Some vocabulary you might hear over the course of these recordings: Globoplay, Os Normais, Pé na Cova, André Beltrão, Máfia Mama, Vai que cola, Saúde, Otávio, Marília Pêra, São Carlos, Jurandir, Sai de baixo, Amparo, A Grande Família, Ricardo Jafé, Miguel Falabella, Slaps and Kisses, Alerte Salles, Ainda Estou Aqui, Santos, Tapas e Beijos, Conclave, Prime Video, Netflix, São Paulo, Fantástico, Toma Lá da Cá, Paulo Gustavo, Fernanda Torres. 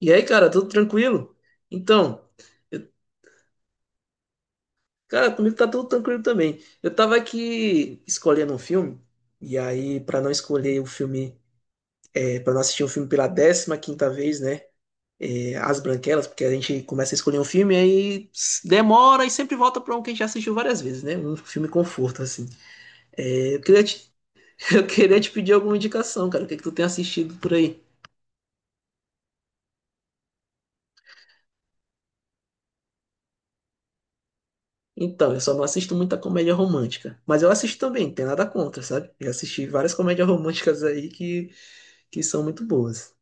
E aí, cara, tudo tranquilo? Então, eu- cara, comigo tá tudo tranquilo também. Eu tava aqui escolhendo um filme, e aí, pra não escolher o filme, para não assistir um filme pela décima quinta vez, né? As Branquelas, porque a gente começa a escolher um filme, aí demora e sempre volta pra um que a gente já assistiu várias vezes, né? Um filme conforto, assim. É, eu queria te, eu queria te pedir alguma indicação, cara. O que que tu tem assistido por aí? Então, eu só não assisto muita comédia romântica. Mas eu assisto também, não tem nada contra, sabe? Eu assisti várias comédias românticas aí que são muito boas.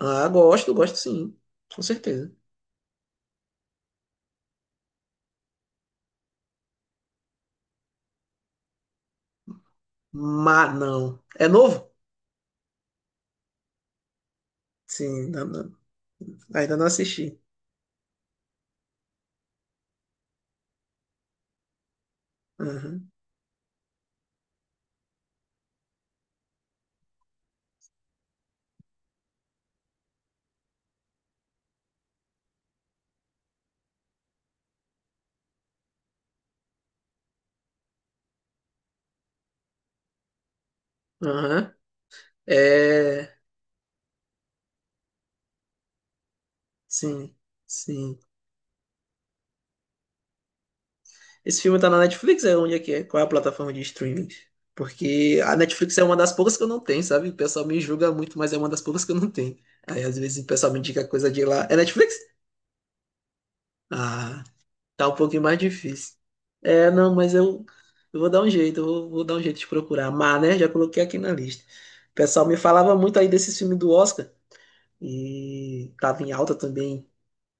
Ah, gosto, gosto sim, com certeza. Mas não. É novo? Sim, ainda não assisti. Aham, aham. É. Sim, sim. Esse filme tá na Netflix? É onde é que é? Qual é a plataforma de streaming? Porque a Netflix é uma das poucas que eu não tenho, sabe? O pessoal me julga muito, mas é uma das poucas que eu não tenho. Aí às vezes o pessoal me indica coisa de lá. É Netflix? Ah, tá um pouquinho mais difícil. É, não, mas eu vou dar um jeito, eu vou dar um jeito de procurar. Mané, já coloquei aqui na lista. O pessoal me falava muito aí desse filme do Oscar, e tava em alta também,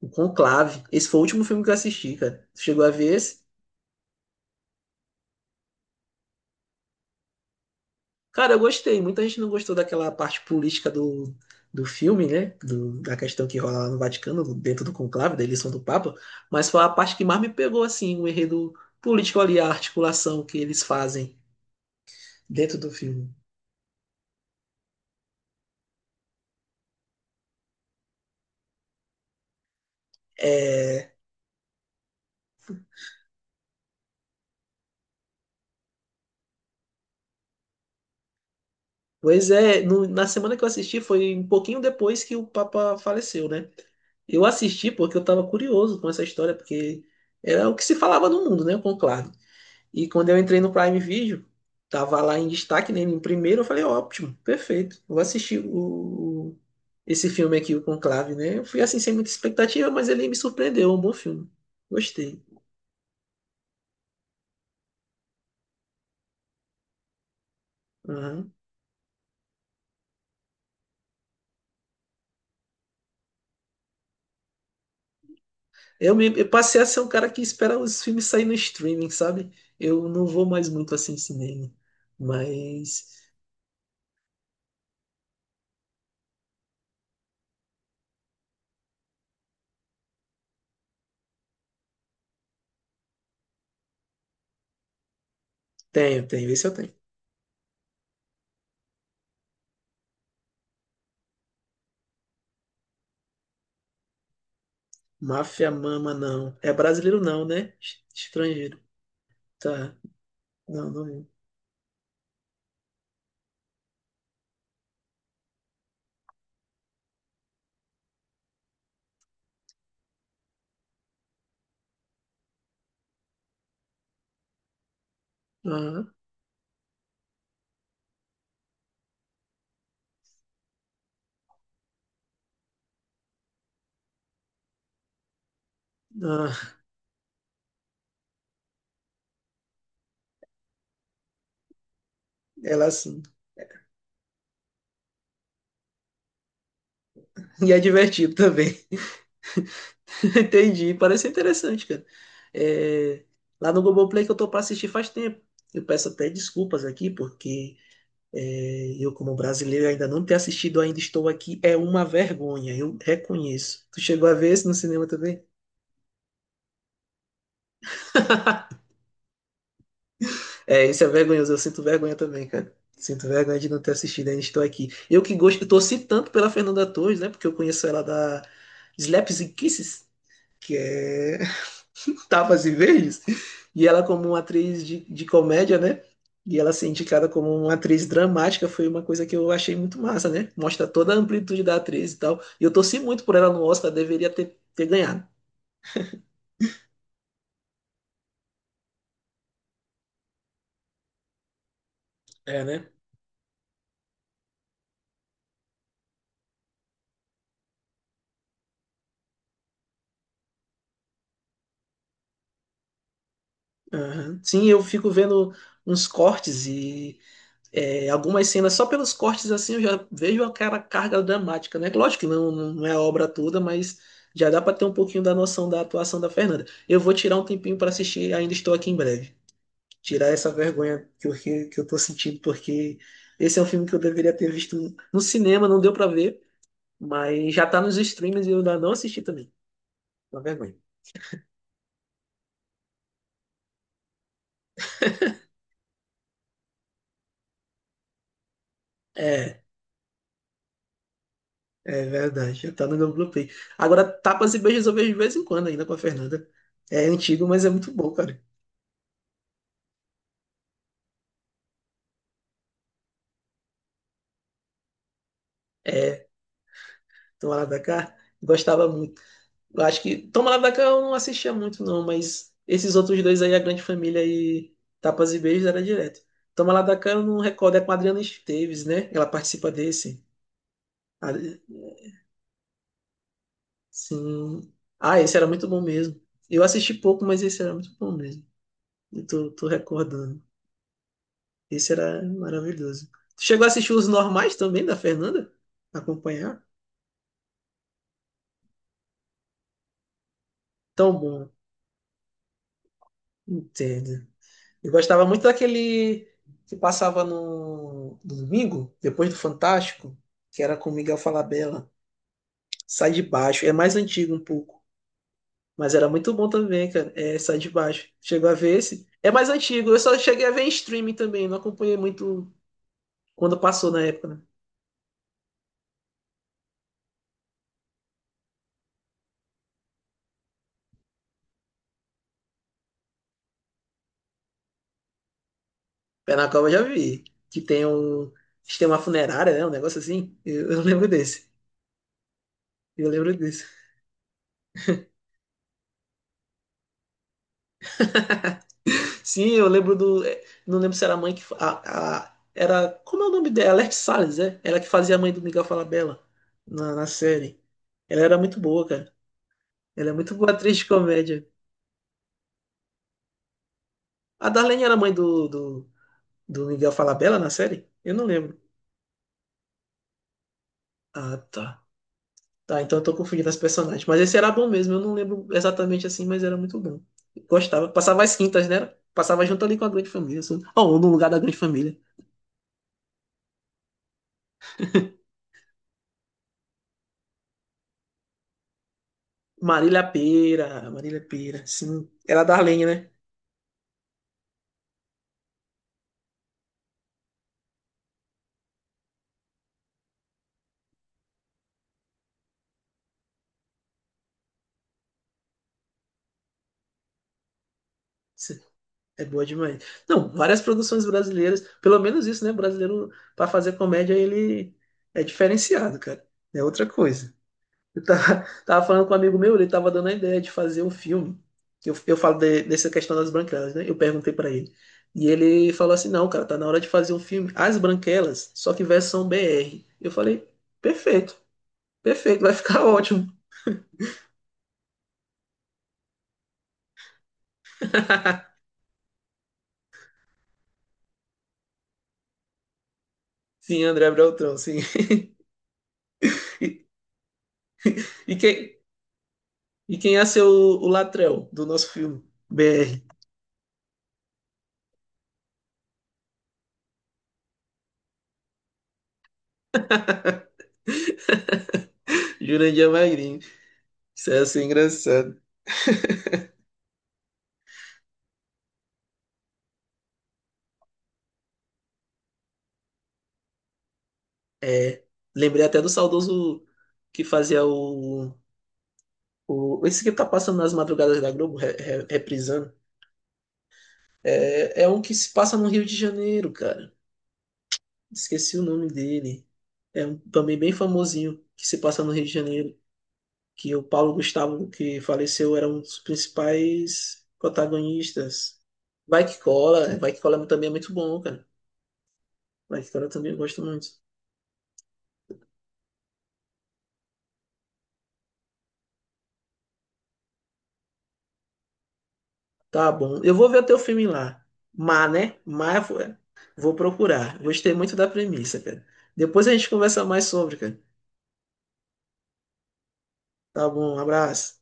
o Conclave. Esse foi o último filme que eu assisti, cara. Tu chegou a ver esse? Cara, eu gostei. Muita gente não gostou daquela parte política do filme, né? Da questão que rola lá no Vaticano, dentro do Conclave, da eleição do Papa, mas foi a parte que mais me pegou, assim, o enredo político ali, a articulação que eles fazem dentro do filme. É, pois é, na semana que eu assisti foi um pouquinho depois que o Papa faleceu, né? Eu assisti porque eu estava curioso com essa história, porque era o que se falava no mundo, né? O Conclave. E quando eu entrei no Prime Video, tava lá em destaque, né? Em primeiro, eu falei, ótimo, perfeito. Vou assistir esse filme aqui, o Conclave, né? Eu fui assim sem muita expectativa, mas ele me surpreendeu, é um bom filme. Gostei. Aham. Eu passei a ser um cara que espera os filmes saírem no streaming, sabe? Eu não vou mais muito assim em cinema. Mas tenho, tenho, esse eu tenho. Máfia Mama, não. É brasileiro, não, né? Estrangeiro. Tá. Não, não vi. Ah, ah, ela sim. E é divertido também. Entendi. Parece interessante, cara. É, lá no Globoplay que eu tô pra assistir faz tempo. Eu peço até desculpas aqui, porque eu, como brasileiro, ainda não ter assistido Ainda Estou Aqui é uma vergonha, eu reconheço. Tu chegou a ver esse no cinema também? É, isso é vergonhoso, eu sinto vergonha também, cara. Sinto vergonha de não ter assistido Ainda Estou Aqui. Eu que gosto, eu torci tanto pela Fernanda Torres, né? Porque eu conheço ela da Slaps and Kisses, que é tapas e verdes. E ela, como uma atriz de comédia, né? E ela ser indicada como uma atriz dramática foi uma coisa que eu achei muito massa, né? Mostra toda a amplitude da atriz e tal. E eu torci muito por ela no Oscar, deveria ter ganhado. É, né? Aham. Sim, eu fico vendo uns cortes e algumas cenas, só pelos cortes assim eu já vejo aquela carga dramática, né? Lógico que não, não é a obra toda, mas já dá para ter um pouquinho da noção da atuação da Fernanda. Eu vou tirar um tempinho para assistir Ainda Estou Aqui em breve. Tirar essa vergonha que eu tô sentindo, porque esse é um filme que eu deveria ter visto no cinema, não deu pra ver, mas já tá nos streams e eu ainda não assisti também. Uma vergonha. É, é verdade, já tá no meu Globoplay. Agora, Tapas e Beijos eu vejo de vez em quando ainda com a Fernanda. É antigo, mas é muito bom, cara. É, Tomara da Cá, gostava muito. Eu acho que Toma Lá da Cá eu não assistia muito, não, mas esses outros dois aí, A Grande Família e Tapas e Beijos, era direto. Toma Lá da Cá eu não recordo, é com a Adriana Esteves, né? Ela participa desse. A- Sim. Ah, esse era muito bom mesmo. Eu assisti pouco, mas esse era muito bom mesmo. Eu tô recordando. Esse era maravilhoso. Tu chegou a assistir Os Normais também, da Fernanda? Acompanhar? Tão bom. Entendo. Eu gostava muito daquele que passava no domingo, depois do Fantástico, que era com Miguel Falabella. Sai de baixo. É mais antigo um pouco. Mas era muito bom também, cara. É, Sai de baixo. Chegou a ver esse? É mais antigo. Eu só cheguei a ver em streaming também. Não acompanhei muito quando passou na época, né? Pé na Cova eu já vi. Que tem um sistema funerário, né? Um negócio assim. Eu lembro desse. Eu lembro desse. Sim, eu lembro do. Não lembro se era a mãe que era. Como é o nome dela? Alerte Salles, é? Ela que fazia a mãe do Miguel Falabella na série. Ela era muito boa, cara. Ela é muito boa atriz de comédia. A Darlene era a mãe do Miguel Falabella na série? Eu não lembro. Ah, tá. Tá, então eu tô confundindo as personagens. Mas esse era bom mesmo. Eu não lembro exatamente assim, mas era muito bom. Gostava. Passava as quintas, né? Passava junto ali com a Grande Família, assim. Ou no lugar da Grande Família. Marília Pêra. Marília Pêra, sim. Era a Darlene, né? Cê- É boa demais. Não, várias produções brasileiras, pelo menos isso, né? Brasileiro, para fazer comédia, ele é diferenciado, cara. É outra coisa. Eu tava falando com um amigo meu, ele tava dando a ideia de fazer um filme. Eu falo dessa questão das branquelas, né? Eu perguntei para ele. E ele falou assim: não, cara, tá na hora de fazer um filme. As branquelas, só que versão BR. Eu falei: perfeito, perfeito, vai ficar ótimo. Sim, André Beltrão, sim. E, e quem, E quem ia ser o Latrell do nosso filme? BR. Jurandir é Magrinho. Isso ia ser engraçado. É. Lembrei até do saudoso que fazia o. o esse que tá passando nas madrugadas da Globo, reprisando. É, é um que se passa no Rio de Janeiro, cara. Esqueci o nome dele. É um, também bem famosinho que se passa no Rio de Janeiro, que o Paulo Gustavo, que faleceu, era um dos principais protagonistas. Vai que cola também é muito bom, cara. Vai que cola também eu gosto muito. Tá bom. Eu vou ver o teu filme lá. Má, né? Má, vou procurar. Gostei muito da premissa, cara. Depois a gente conversa mais sobre, cara. Tá bom, um abraço.